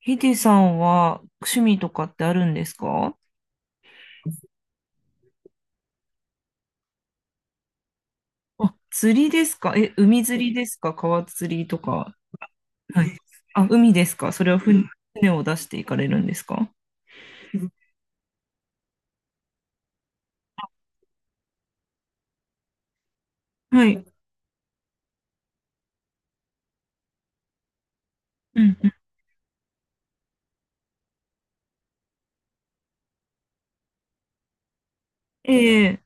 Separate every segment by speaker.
Speaker 1: ヒデさんは趣味とかってあるんですか？あ、釣りですか？え、海釣りですか？川釣りとか。はい。あ、海ですか？それは船、船を出していかれるんですか？はい。うんうん。ええ。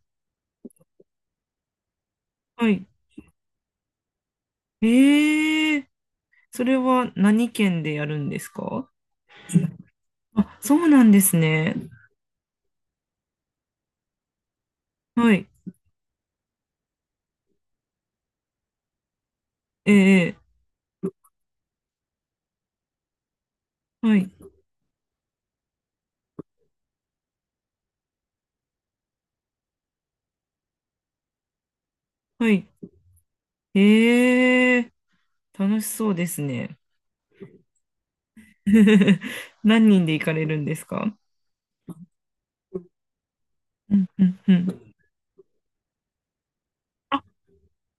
Speaker 1: はい。ええ。それは何県でやるんですか？あ、そうなんですね。はい。ええ。はい。はい。ええ。楽しそうですね。何人で行かれるんですか？うんうんうん。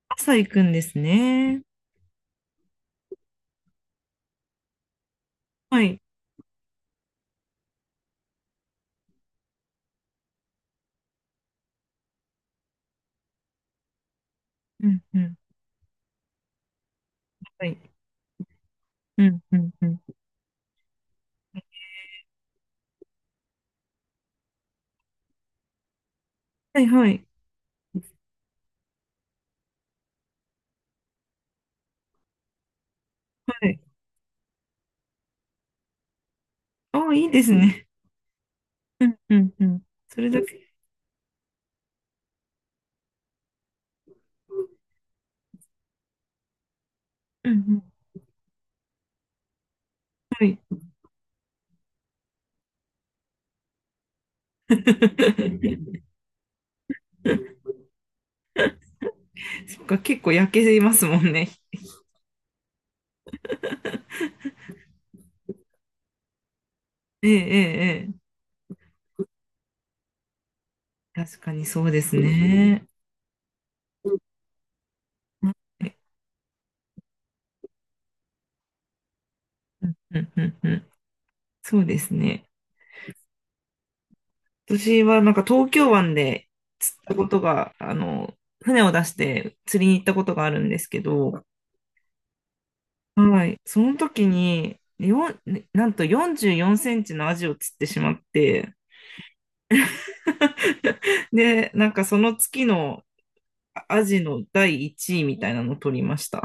Speaker 1: 朝行くんですね。はい。うん、うん。はい。うん、うん、うん。はい、はい。はい。ああ、いいですね。うん、うん、うん。それだけ。うん、うん。はい。そっか、結構焼けますもんね。ええ、ええ、ええ。確かにそうですね。はい。うん、うん、うん、うん。そうですね。私はなんか東京湾で釣ったことが、あの、船を出して釣りに行ったことがあるんですけど、はい。その時に、よん、ねなんと44センチのアジを釣ってしまって、で、なんかその月のアジの第1位みたいなのを取りました。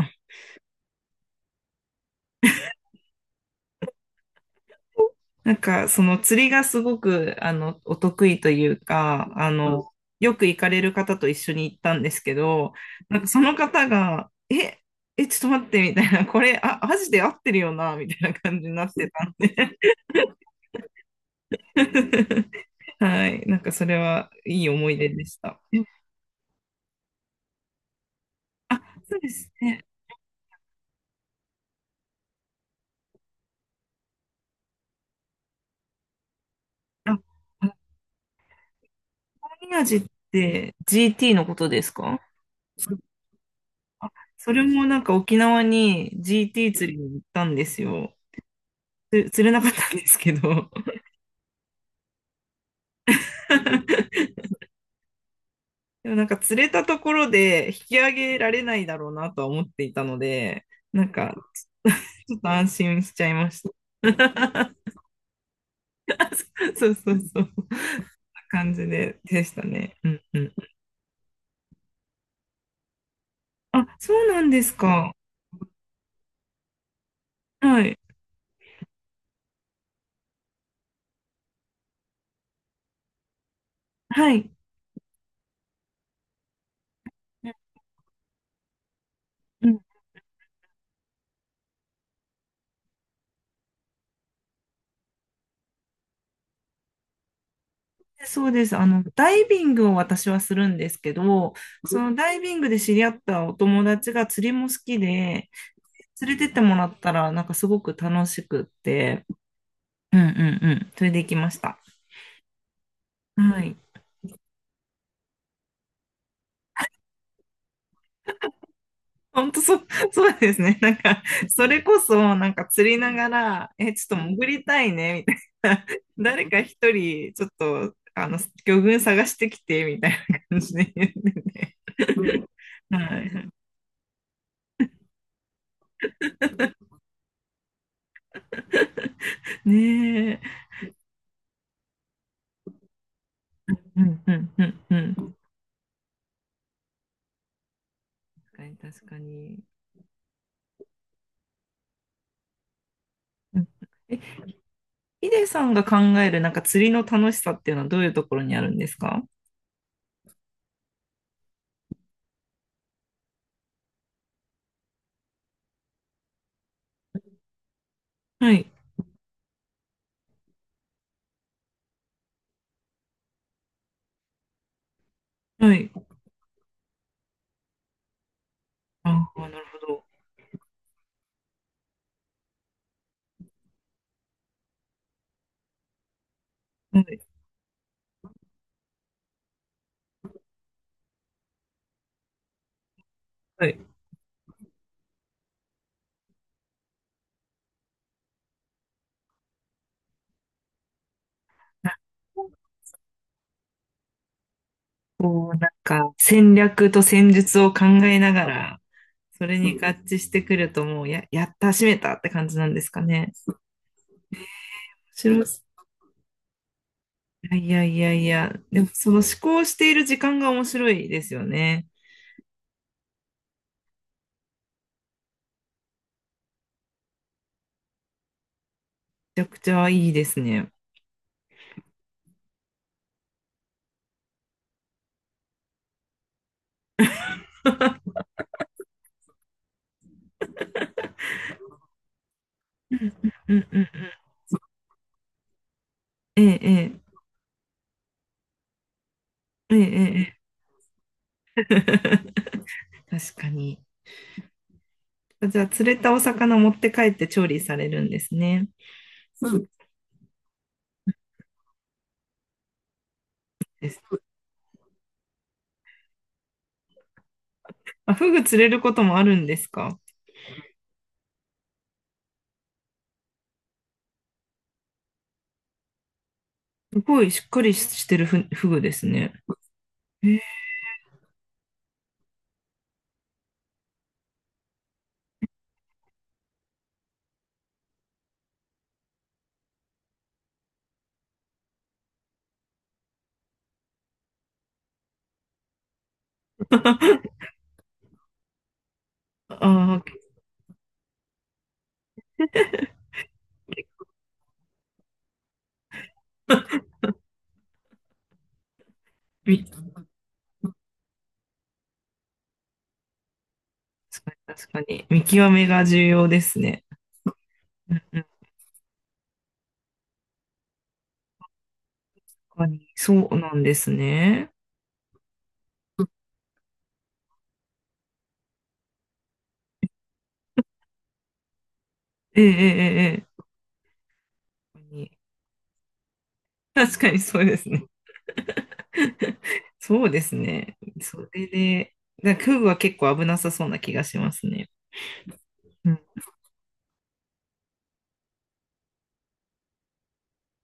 Speaker 1: なんかその釣りがすごくあのお得意というか、あの、よく行かれる方と一緒に行ったんですけど、なんかその方が、え、え、ちょっと待ってみたいな、これ、あ、アジで合ってるよな、みたいな感じになってたんで。はい。なんかそれはいい思い出でした。あ、そうですね。あ、ハーミ味って GT のことですか？そあ、それもなんか沖縄に GT 釣りに行ったんですよ。釣れなかったんですけど。でもなんか釣れたところで引き上げられないだろうなとは思っていたので、なんかちょっと安心しちゃいました。そうそうそう。感じでしたね。うんうん。あ、そうなんですか。はい。はい。うん。そうです。あの、ダイビングを私はするんですけど、そのダイビングで知り合ったお友達が釣りも好きで、連れてってもらったら、なんかすごく楽しくって、うんうんうん、それで行きました。はい。本当そう、そうですね。なんか、それこそ、なんか釣りながら、え、ちょっと潜りたいね、みたいな。誰か一人、ちょっと、あの、魚群探してきて、みたいな感じで言ってて。はい。ねえ。うんうんうんうん。確かに。うん。え、ヒデさんが考えるなんか釣りの楽しさっていうのはどういうところにあるんですか？はい、はい。ああ、なるほど。はい、はい。こう、なんか、戦略と戦術を考えながら、それに合致してくると、もう、やった、締めたって感じなんですかね。面白い。いやいやいやいや、でも、その思考している時間が面白いですよね。めちゃくちゃいいですね。うんうん。ええ、ええ、ええ。ええ。 確かに。じゃあ、釣れたお魚持って帰って調理されるんですね。フうグん。です。あ、フグ釣れることもあるんですか？すごいしっかりしてるフグですね。ああ。確かに、確かに。見極めが重要ですね。うんうん、確かに。そうなんですね。ええええええ。確かにそうですね。そうですね。それで、なんかフグは結構危なさそうな気がしますね。うん。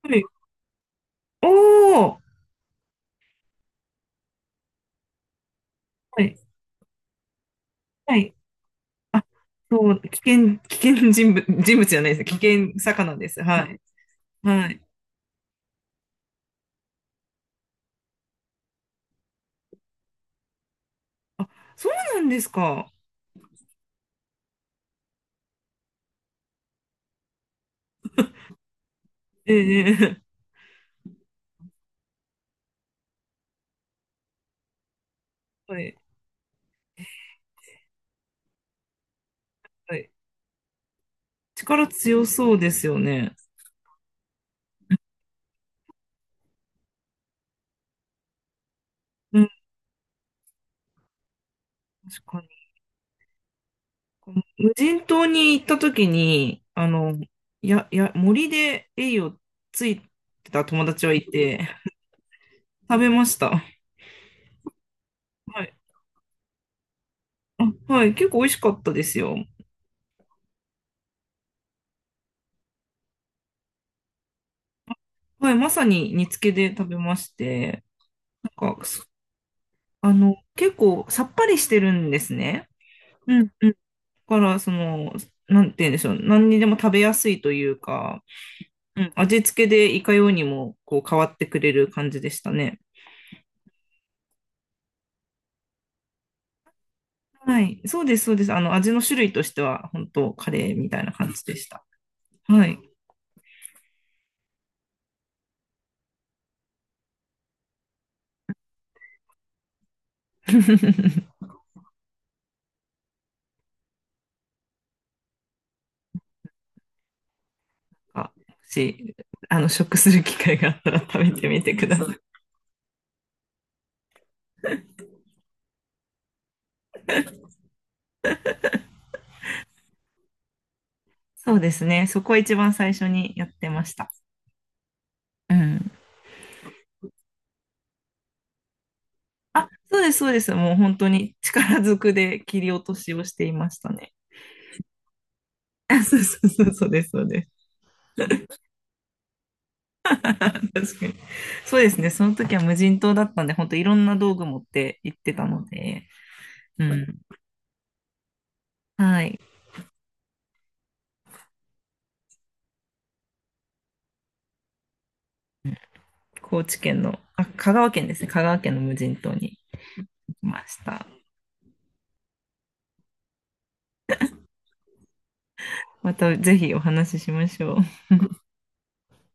Speaker 1: はい。おー、はい、はい。あ、そう、危険人物、人物じゃないです。危険魚です。はい。はい。あ、そうなんですか。ええ。はい。はい。力強そうですよね。うん、確かに。この無人島に行った時に、あの、森でエイをついてた友達はいて、食べました。はい。あ、はい。結構美味しかったですよ。はい。まさに煮付けで食べまして、なんか、あの、結構さっぱりしてるんですね。うんうん。だから、その、なんて言うんでしょう。何にでも食べやすいというか、うん、味付けでいかようにもこう変わってくれる感じでしたね。はい。そうです、そうです。あの、味の種類としては、本当カレーみたいな感じでした。はい。あ、もし、あの、食する機会があったら食べてみてください。そうですね。そこは一番最初にやってました。うん。あ、そうです、そうです。もう本当に力ずくで切り落としをしていましたね。あそうそうそう、そうです、そうです。確かに。そうですね。その時は無人島だったんで、本当いろんな道具持って行ってたので、うん。はい。高知県の、あ、香川県ですね。香川県の無人島に行きました。またぜひお話ししましょう。